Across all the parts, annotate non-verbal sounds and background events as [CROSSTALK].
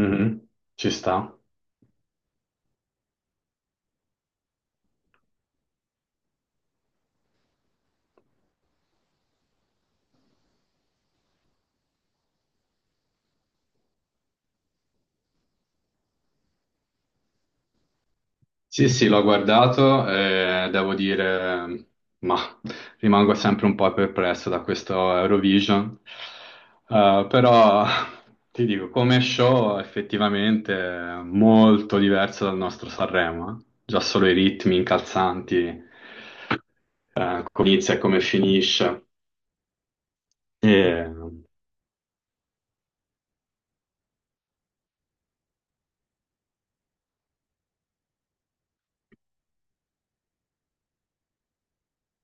Mhm. Ci sta. Sì, sì, l'ho guardato e devo dire, ma rimango sempre un po' perplesso da questo Eurovision. Però ti dico, come show effettivamente è molto diverso dal nostro Sanremo, eh. Già solo i ritmi incalzanti, come inizia e come finisce. E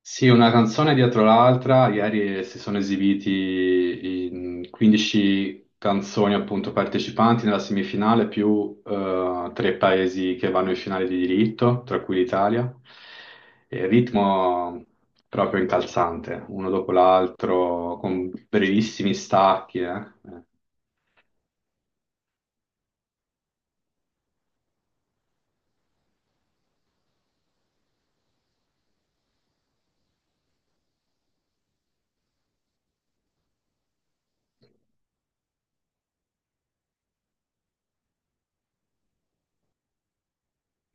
sì, una canzone dietro l'altra, ieri si sono esibiti in 15 canzoni appunto partecipanti nella semifinale più 3 paesi che vanno in finale di diritto, tra cui l'Italia. E ritmo proprio incalzante, uno dopo l'altro, con brevissimi stacchi, eh.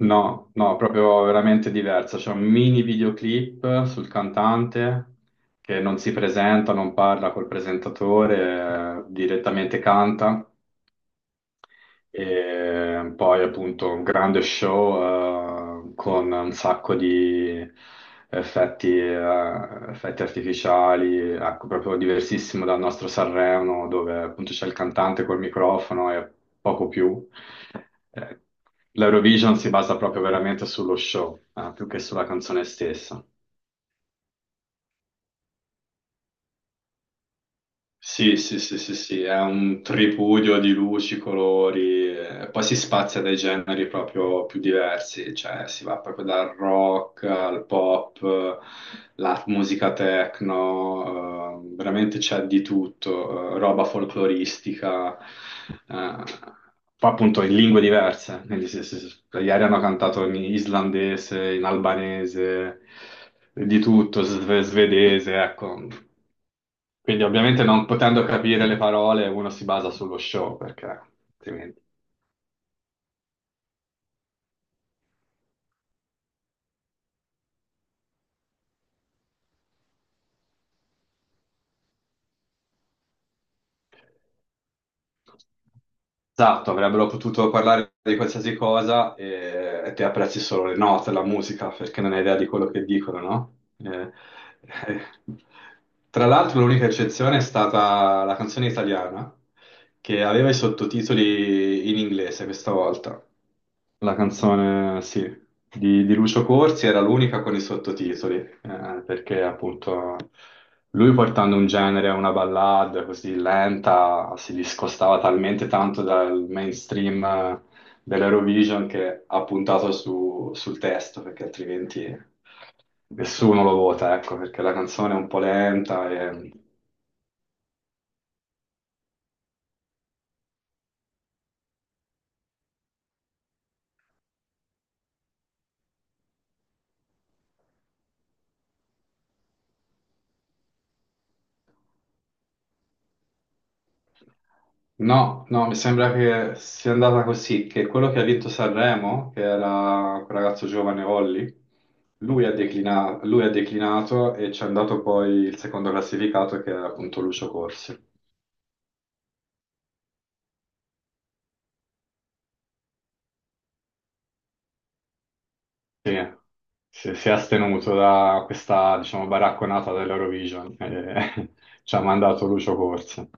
No, no, proprio veramente diversa. C'è un mini videoclip sul cantante che non si presenta, non parla col presentatore, direttamente canta. E poi appunto un grande show con un sacco di effetti, effetti artificiali, ecco, proprio diversissimo dal nostro Sanremo, dove appunto c'è il cantante col microfono e poco più. Eh, L'Eurovision si basa proprio veramente sullo show, più che sulla canzone stessa. Sì, sì, sì, sì, sì, è un tripudio di luci, colori, poi si spazia dai generi proprio più diversi, cioè si va proprio dal rock al pop, la musica techno, veramente c'è di tutto, roba folcloristica, eh, poi appunto in lingue diverse, quindi ieri hanno cantato in islandese, in albanese, di tutto, svedese, ecco. Quindi ovviamente non potendo capire le parole uno si basa sullo show perché altrimenti... Esatto, avrebbero potuto parlare di qualsiasi cosa e te apprezzi solo le note, la musica, perché non hai idea di quello che dicono, no? Eh. [LAUGHS] Tra l'altro l'unica eccezione è stata la canzone italiana, che aveva i sottotitoli in inglese questa volta. La canzone, sì, di Lucio Corsi era l'unica con i sottotitoli, perché appunto lui portando un genere, una ballad così lenta, si discostava talmente tanto dal mainstream dell'Eurovision che ha puntato sul testo, perché altrimenti nessuno lo vota, ecco, perché la canzone è un po' lenta e... No, no, mi sembra che sia andata così, che quello che ha vinto Sanremo, che era quel ragazzo giovane Olli, lui ha declinato e ci è andato poi il secondo classificato che era appunto Lucio Corsi. Sì, si è astenuto da questa, diciamo, baracconata dell'Eurovision e [LAUGHS] ci ha mandato Lucio Corsi.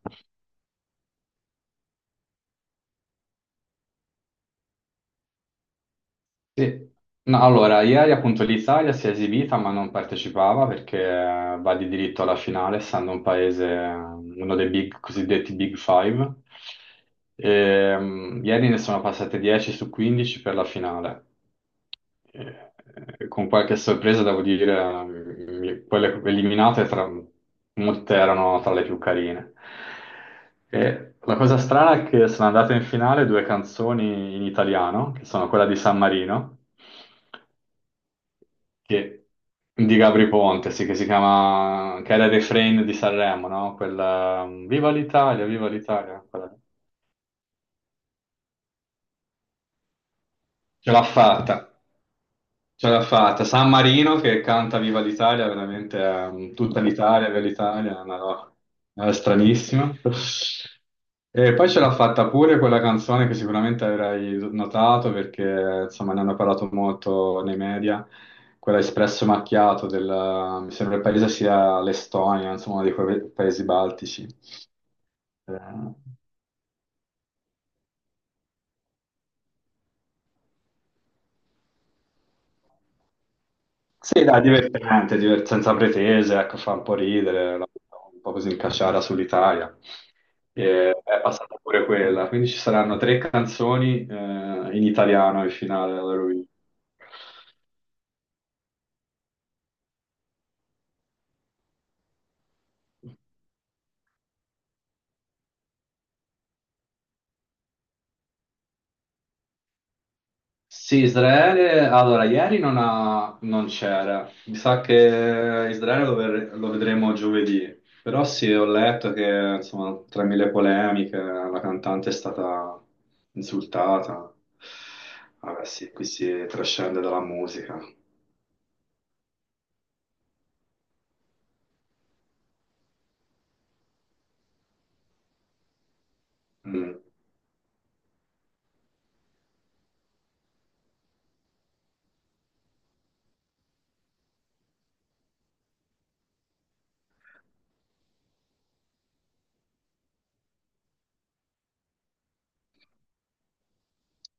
Sì, no, allora, ieri appunto l'Italia si è esibita ma non partecipava perché va di diritto alla finale, essendo un paese, uno dei big, cosiddetti Big Five. Ieri ne sono passate 10 su 15 per la finale. Eh, con qualche sorpresa, devo dire, quelle eliminate molte erano tra le più carine. E la cosa strana è che sono andate in finale due canzoni in italiano, che sono quella di San Marino che- di Gabri Ponte, sì, che si chiama, che era il refrain di Sanremo, no? Quella, viva l'Italia, ce l'ha fatta. Ce l'ha fatta. San Marino che canta Viva l'Italia, veramente tutta l'Italia, Viva l'Italia, è una roba stranissima. E poi ce l'ha fatta pure quella canzone che sicuramente avrai notato perché insomma ne hanno parlato molto nei media, quella Espresso Macchiato del, mi sembra il paese sia l'Estonia, insomma, uno di quei paesi baltici. Eh, sì, dai, divertente, senza pretese, ecco, fa un po' ridere, un po' così in cacciara sull'Italia. E è passata pure quella, quindi ci saranno 3 canzoni in italiano in finale all'Eurovision. Sì, Israele, allora ieri non c'era, mi sa che lo vedremo giovedì, però sì, ho letto che insomma, tra mille polemiche la cantante è stata insultata. Vabbè sì, qui si trascende dalla musica. Mm.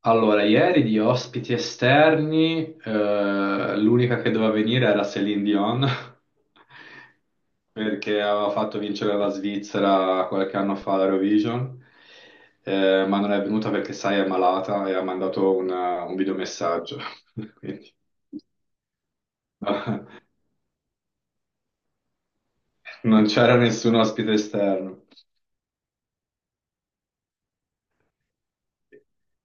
Allora, ieri di ospiti esterni, l'unica che doveva venire era Céline Dion, [LAUGHS] perché aveva fatto vincere la Svizzera qualche anno fa all'Eurovision, ma non è venuta perché, sai, è malata e ha mandato un videomessaggio, [LAUGHS] quindi [LAUGHS] non c'era nessun ospite esterno.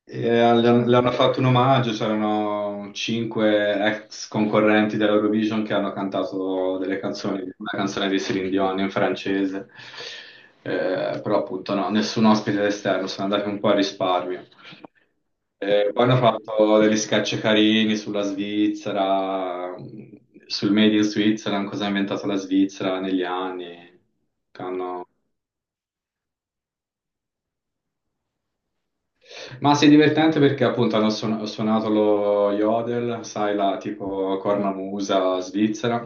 E le hanno fatto un omaggio, c'erano 5 ex concorrenti dell'Eurovision che hanno cantato delle canzoni, una canzone di Céline Dion in francese. Però appunto no, nessun ospite esterno, sono andati un po' a risparmio. Poi hanno fatto degli sketch carini sulla Svizzera, sul Made in Switzerland, cosa ha inventato la Svizzera negli anni, che hanno... Ma sì, è divertente perché appunto ho suonato lo yodel, sai, la tipo cornamusa svizzera,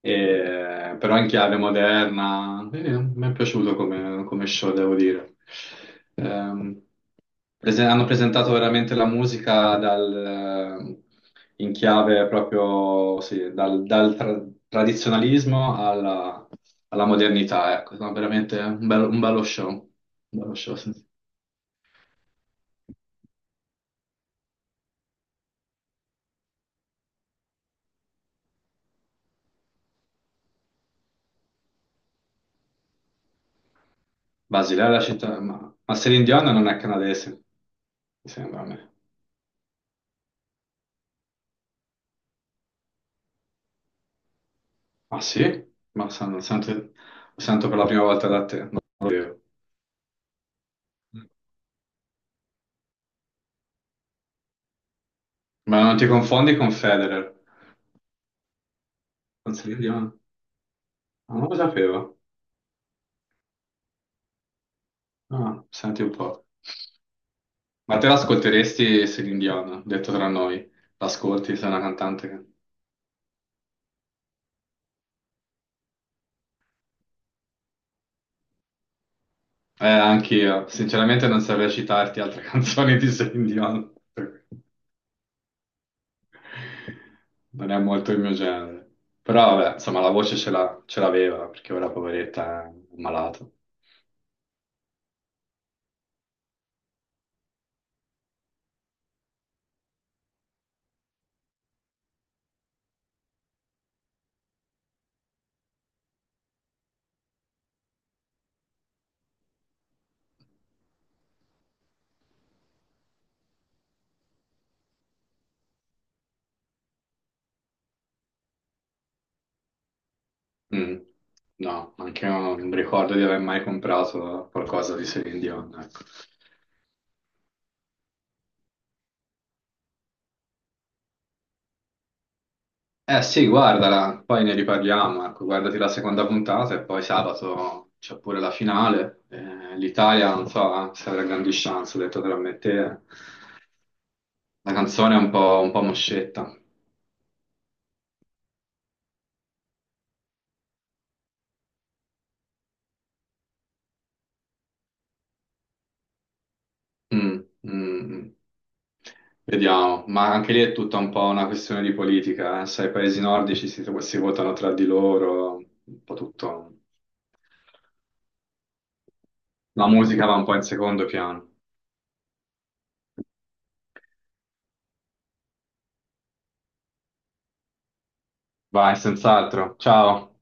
però in chiave moderna. Mi è piaciuto come show, devo dire. Ehm, hanno presentato veramente la musica dal, in chiave proprio, sì, tradizionalismo alla, alla modernità, ecco. No, veramente un bello show, sì. Basilea è la città, ma Celine Dion non è canadese, mi sembra a me. Ah sì? Lo sento per la prima volta da te, non lo sapevo. Ma non ti confondi con Federer, con Celine Dion? Ah, non lo sapevo. Ah, senti un po'. Ma te l'ascolteresti Celine Dion, detto tra noi? L'ascolti, sei una cantante che... anch'io. Sinceramente non saprei citarti altre [LAUGHS] canzoni di Celine Dion. Non è molto il mio genere. Però vabbè, insomma, la voce ce l'ha- ce l'aveva, perché ora poveretta è malata. Mm. No, anche io non ricordo di aver mai comprato qualcosa di Celine Dion, ecco. Eh sì, guardala, poi ne riparliamo, ecco, guardati la seconda puntata e poi sabato c'è pure la finale. l'Italia, non so se avrà grandi chance, ho detto tra me e te. La canzone è un po' moscetta. Mm, mm, mm. Vediamo, ma anche lì è tutta un po' una questione di politica, eh. Sai, i paesi nordici si votano tra di loro, un po' tutto. La musica va un po' in secondo piano. Vai, senz'altro. Ciao.